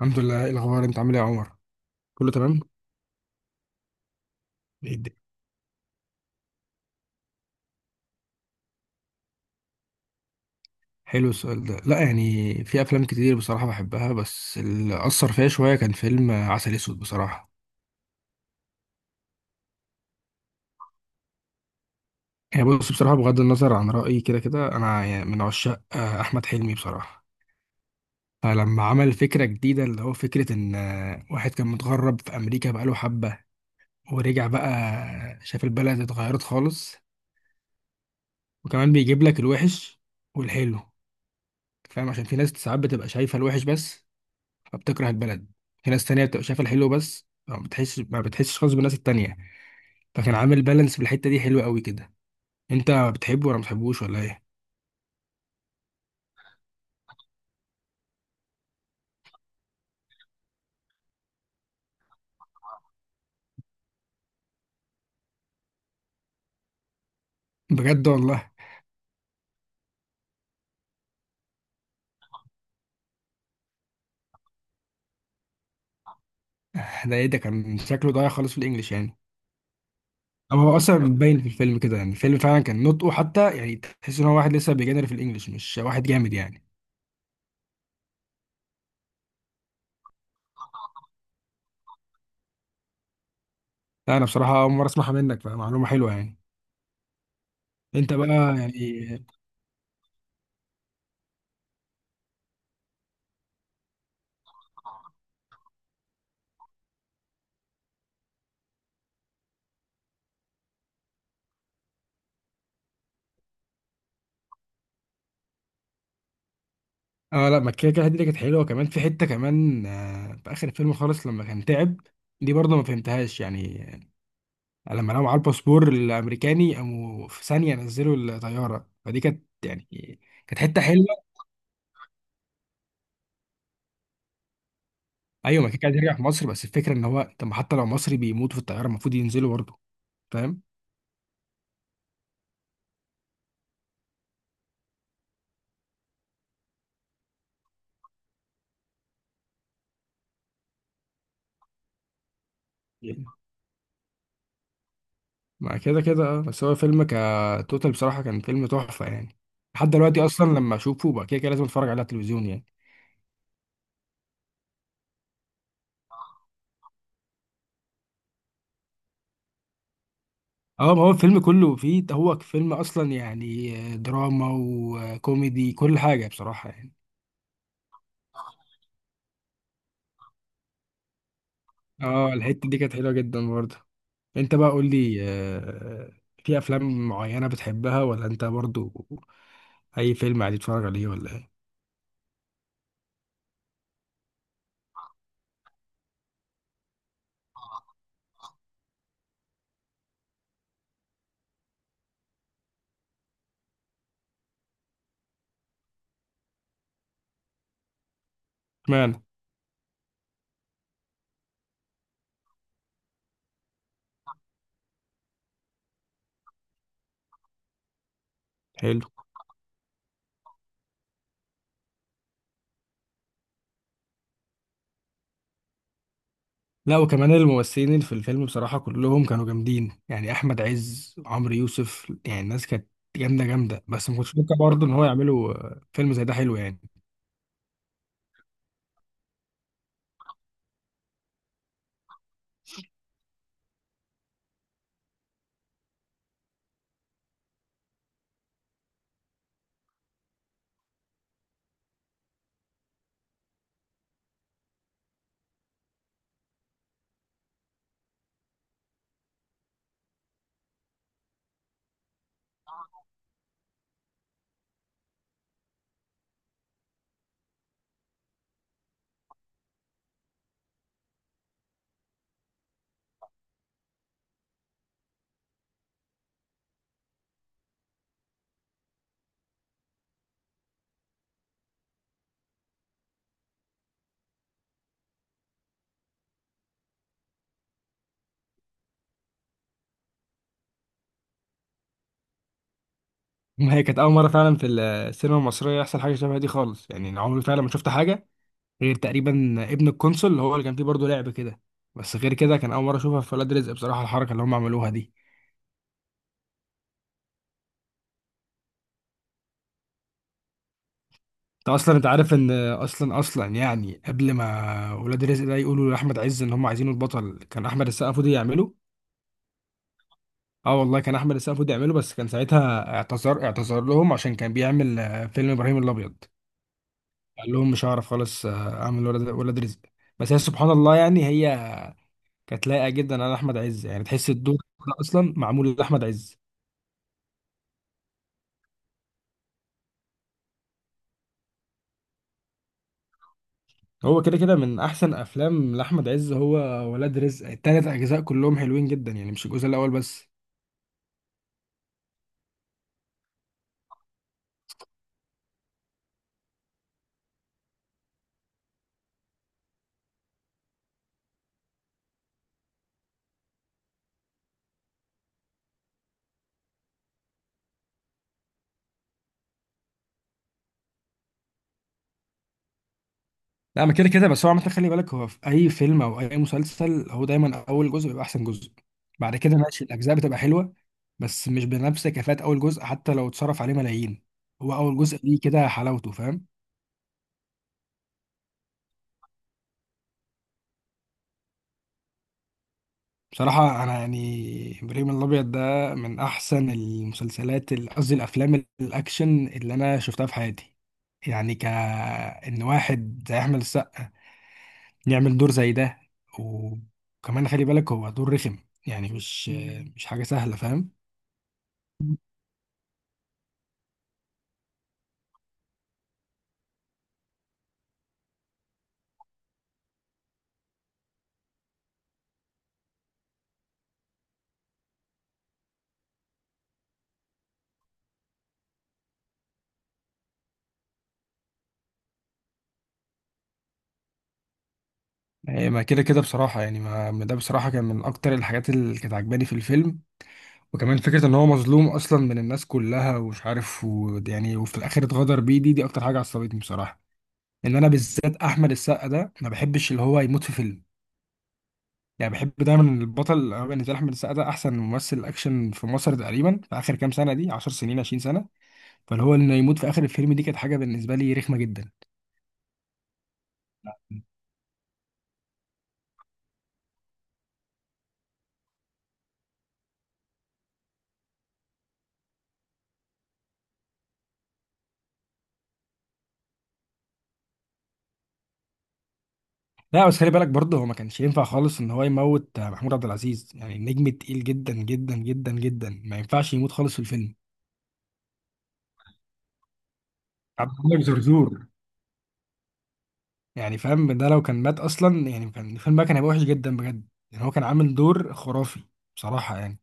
الحمد لله. ايه الاخبار؟ انت عامل ايه يا عمر؟ كله تمام. إيه حلو السؤال ده. لا يعني في افلام كتير بصراحه بحبها، بس اللي اثر فيا شويه كان فيلم عسل اسود بصراحه. يعني بص، بصراحه بغض النظر عن رايي كده كده انا يعني من عشاق احمد حلمي بصراحه. فلما عمل فكره جديده اللي هو فكره ان واحد كان متغرب في امريكا بقاله حبه ورجع بقى. شاف البلد اتغيرت خالص، وكمان بيجيب لك الوحش والحلو، فاهم؟ عشان في ناس ساعات بتبقى شايفه الوحش بس فبتكره البلد. في ناس تانية بتبقى شايفة الحلو بس ما بتحسش خالص بالناس التانية. فكان عامل بالانس في الحتة دي، حلوة قوي كده. انت بتحبه ولا ما بتحبوش ولا ايه؟ بجد والله. ده ايه ده! كان شكله ضايع خالص في الانجليش يعني. اما هو اصلا باين في الفيلم كده، يعني الفيلم فعلا كان نطقه، حتى يعني تحس ان هو واحد لسه بيجنر في الانجليش، مش واحد جامد يعني. لا، انا بصراحة اول مرة اسمعها منك، فمعلومة حلوة يعني. انت بقى يعني اه. لا، ما كده كده الحته دي كانت حلوه، كمان في حته كمان في اخر الفيلم خالص لما كان تعب، دي برضه ما فهمتهاش يعني. لما لقوا معاه الباسبور الامريكاني قاموا في ثانيه نزلوا الطياره، فدي كانت يعني كانت حته حلوه. ايوه ما كان عايز يرجع في مصر، بس الفكره ان هو طب ما حتى لو مصري بيموت في الطياره المفروض ينزلوا برضه، فاهم. مع كده كده اه، بس هو فيلم كتوتال بصراحه كان فيلم تحفه يعني. لحد دلوقتي اصلا لما اشوفه بقى كده كده لازم اتفرج عليه على التلفزيون يعني. اه، ما هو الفيلم كله فيه، هو فيلم اصلا يعني دراما وكوميدي، كل حاجه بصراحه يعني. اه، الحته دي كانت حلوه جدا برضه. انت بقى قول لي، في افلام معينه بتحبها، ولا انت برضو اي فيلم عادي تتفرج عليه ولا ايه؟ اشمعنى؟ حلو. لا، وكمان الممثلين اللي في الفيلم بصراحه كلهم كانوا جامدين، يعني احمد عز، عمرو يوسف، يعني الناس كانت جامده جامده. بس ما كنتش متوقع برضه ان هو يعملوا فيلم زي ده حلو يعني. ما هي كانت اول مره فعلا في السينما المصريه يحصل حاجه شبه دي خالص، يعني أنا عمري فعلا ما شفت حاجه غير تقريبا ابن القنصل، اللي هو اللي كان فيه برضه لعب كده. بس غير كده كان اول مره اشوفها في ولاد رزق، بصراحه الحركه اللي هم عملوها دي. انت اصلا، انت عارف ان اصلا يعني قبل ما ولاد رزق ده يقولوا لاحمد عز ان هم عايزينه البطل، كان احمد السقا المفروض يعمله؟ اه والله، كان احمد السقا المفروض يعمله، بس كان ساعتها اعتذر لهم عشان كان بيعمل فيلم ابراهيم الابيض. قال لهم مش هعرف خالص اعمل ولاد رزق. بس هي سبحان الله، يعني هي كانت لايقه جدا على احمد عز، يعني تحس الدور ده اصلا معمول لاحمد عز. هو كده كده من احسن افلام لاحمد عز. هو ولاد رزق التلات اجزاء كلهم حلوين جدا، يعني مش الجزء الاول بس. لا، ما كده كده، بس هو عامة خلي بالك هو في أي فيلم أو أي مسلسل هو دايما أول جزء بيبقى أحسن جزء. بعد كده ماشي الأجزاء بتبقى حلوة، بس مش بنفس كفاءة أول جزء، حتى لو اتصرف عليه ملايين. هو أول جزء ليه كده حلاوته، فاهم. بصراحة أنا يعني إبراهيم الأبيض ده من أحسن المسلسلات، قصدي الأفلام الأكشن اللي أنا شفتها في حياتي. يعني إن واحد زي أحمد السقا يعمل دور زي ده، وكمان خلي بالك هو دور رخم، يعني مش مم. مش حاجة سهلة، فاهم. يعني ما كده كده بصراحة، يعني ما ده بصراحة كان من أكتر الحاجات اللي كانت عجباني في الفيلم. وكمان فكرة إن هو مظلوم أصلا من الناس كلها، ومش عارف يعني وفي الآخر اتغدر بيه، دي أكتر حاجة عصبتني بصراحة. إن أنا بالذات أحمد السقا ده ما بحبش اللي هو يموت في فيلم. يعني بحب دايما البطل. أنا بالنسبة لي أحمد السقا ده أحسن ممثل أكشن في مصر تقريبا في آخر كام سنة دي، 10 سنين، 20 سنة. فاللي هو إنه يموت في آخر الفيلم دي كانت حاجة بالنسبة لي رخمة جدا. لا بس خلي بالك برضه هو ما كانش ينفع خالص ان هو يموت. محمود عبد العزيز يعني نجم تقيل جدا جدا جدا جدا، ما ينفعش يموت خالص في الفيلم. عبد الملك زرزور، يعني فاهم. ده لو كان مات اصلا، يعني كان الفيلم بقى كان هيبقى وحش جدا بجد، يعني هو كان عامل دور خرافي بصراحه يعني.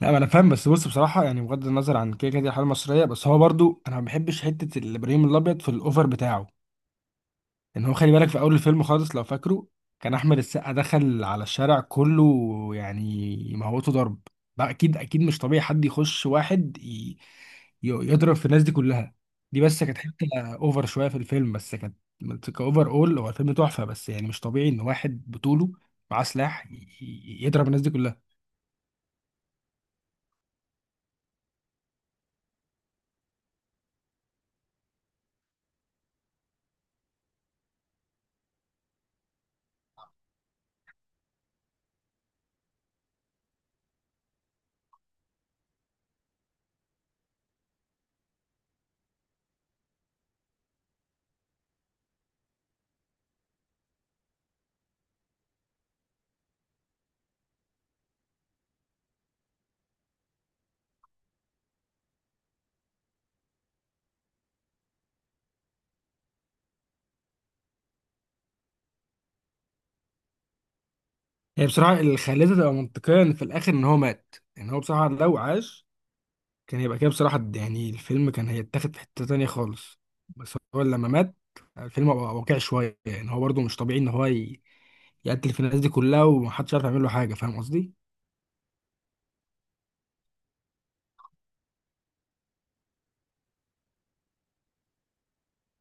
لا ما انا فاهم، بس بص بصراحه يعني بغض النظر عن كده كده دي الحاله المصريه، بس هو برضه انا ما بحبش حته الابراهيم الابيض في الاوفر بتاعه. ان هو خلي بالك في اول الفيلم خالص لو فاكره، كان احمد السقا دخل على الشارع كله، يعني موته ضرب بقى. اكيد اكيد مش طبيعي حد يخش واحد يضرب في الناس دي كلها. دي بس كانت حته اوفر شويه في الفيلم، بس كانت كاوفر. اول هو الفيلم تحفه، بس يعني مش طبيعي ان واحد بطوله معاه سلاح يضرب الناس دي كلها. هي بصراحه اللي خلتها تبقى منطقيه ان في الاخر ان هو مات، ان هو بصراحه لو عاش كان هيبقى كده بصراحة يعني الفيلم كان هيتاخد في حتة تانية خالص. بس هو لما مات الفيلم بقى واقعي شوية، يعني هو برضه مش طبيعي إن هو يقتل في الناس دي كلها، ومحدش عارف يعمل له حاجة. فاهم قصدي؟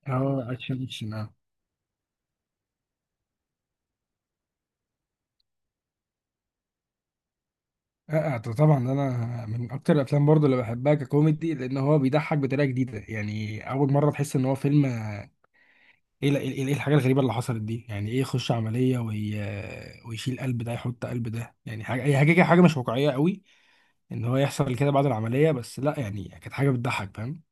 اه، اكشن اكشن اه. طبعا انا من اكتر الافلام برضه اللي بحبها ككوميدي، لان هو بيضحك بطريقه جديده. يعني اول مره تحس ان هو فيلم ايه إيه الحاجه الغريبه اللي حصلت دي؟ يعني ايه يخش عمليه وي... آه، ويشيل قلب ده يحط قلب ده، يعني حاجه، هي حاجه مش واقعيه قوي ان هو يحصل كده بعد العمليه. بس لا، يعني كانت حاجه بتضحك، فاهم.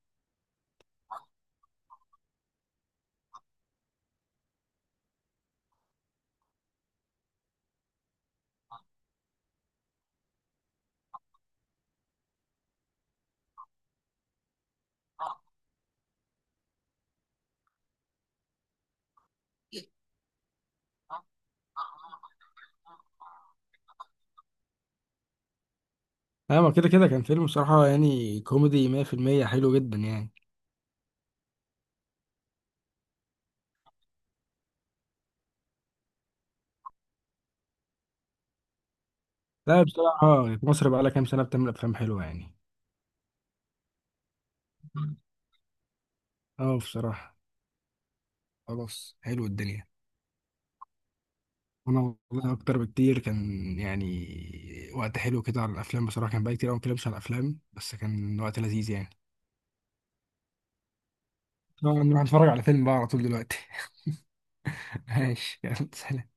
ايوه ما كده كده كان فيلم بصراحه يعني كوميدي 100% حلو جدا يعني. لا بصراحه مصر بقى لها كام سنه بتعمل افلام حلوه يعني. اه بصراحه خلاص، حلو الدنيا. انا والله اكتر بكتير، كان يعني وقت حلو كده على الافلام بصراحه، كان بقى كتير أوي ما بتكلمش على الافلام بس كان وقت لذيذ يعني. نروح نتفرج على فيلم بقى على طول دلوقتي. ماشي، يلا سلام.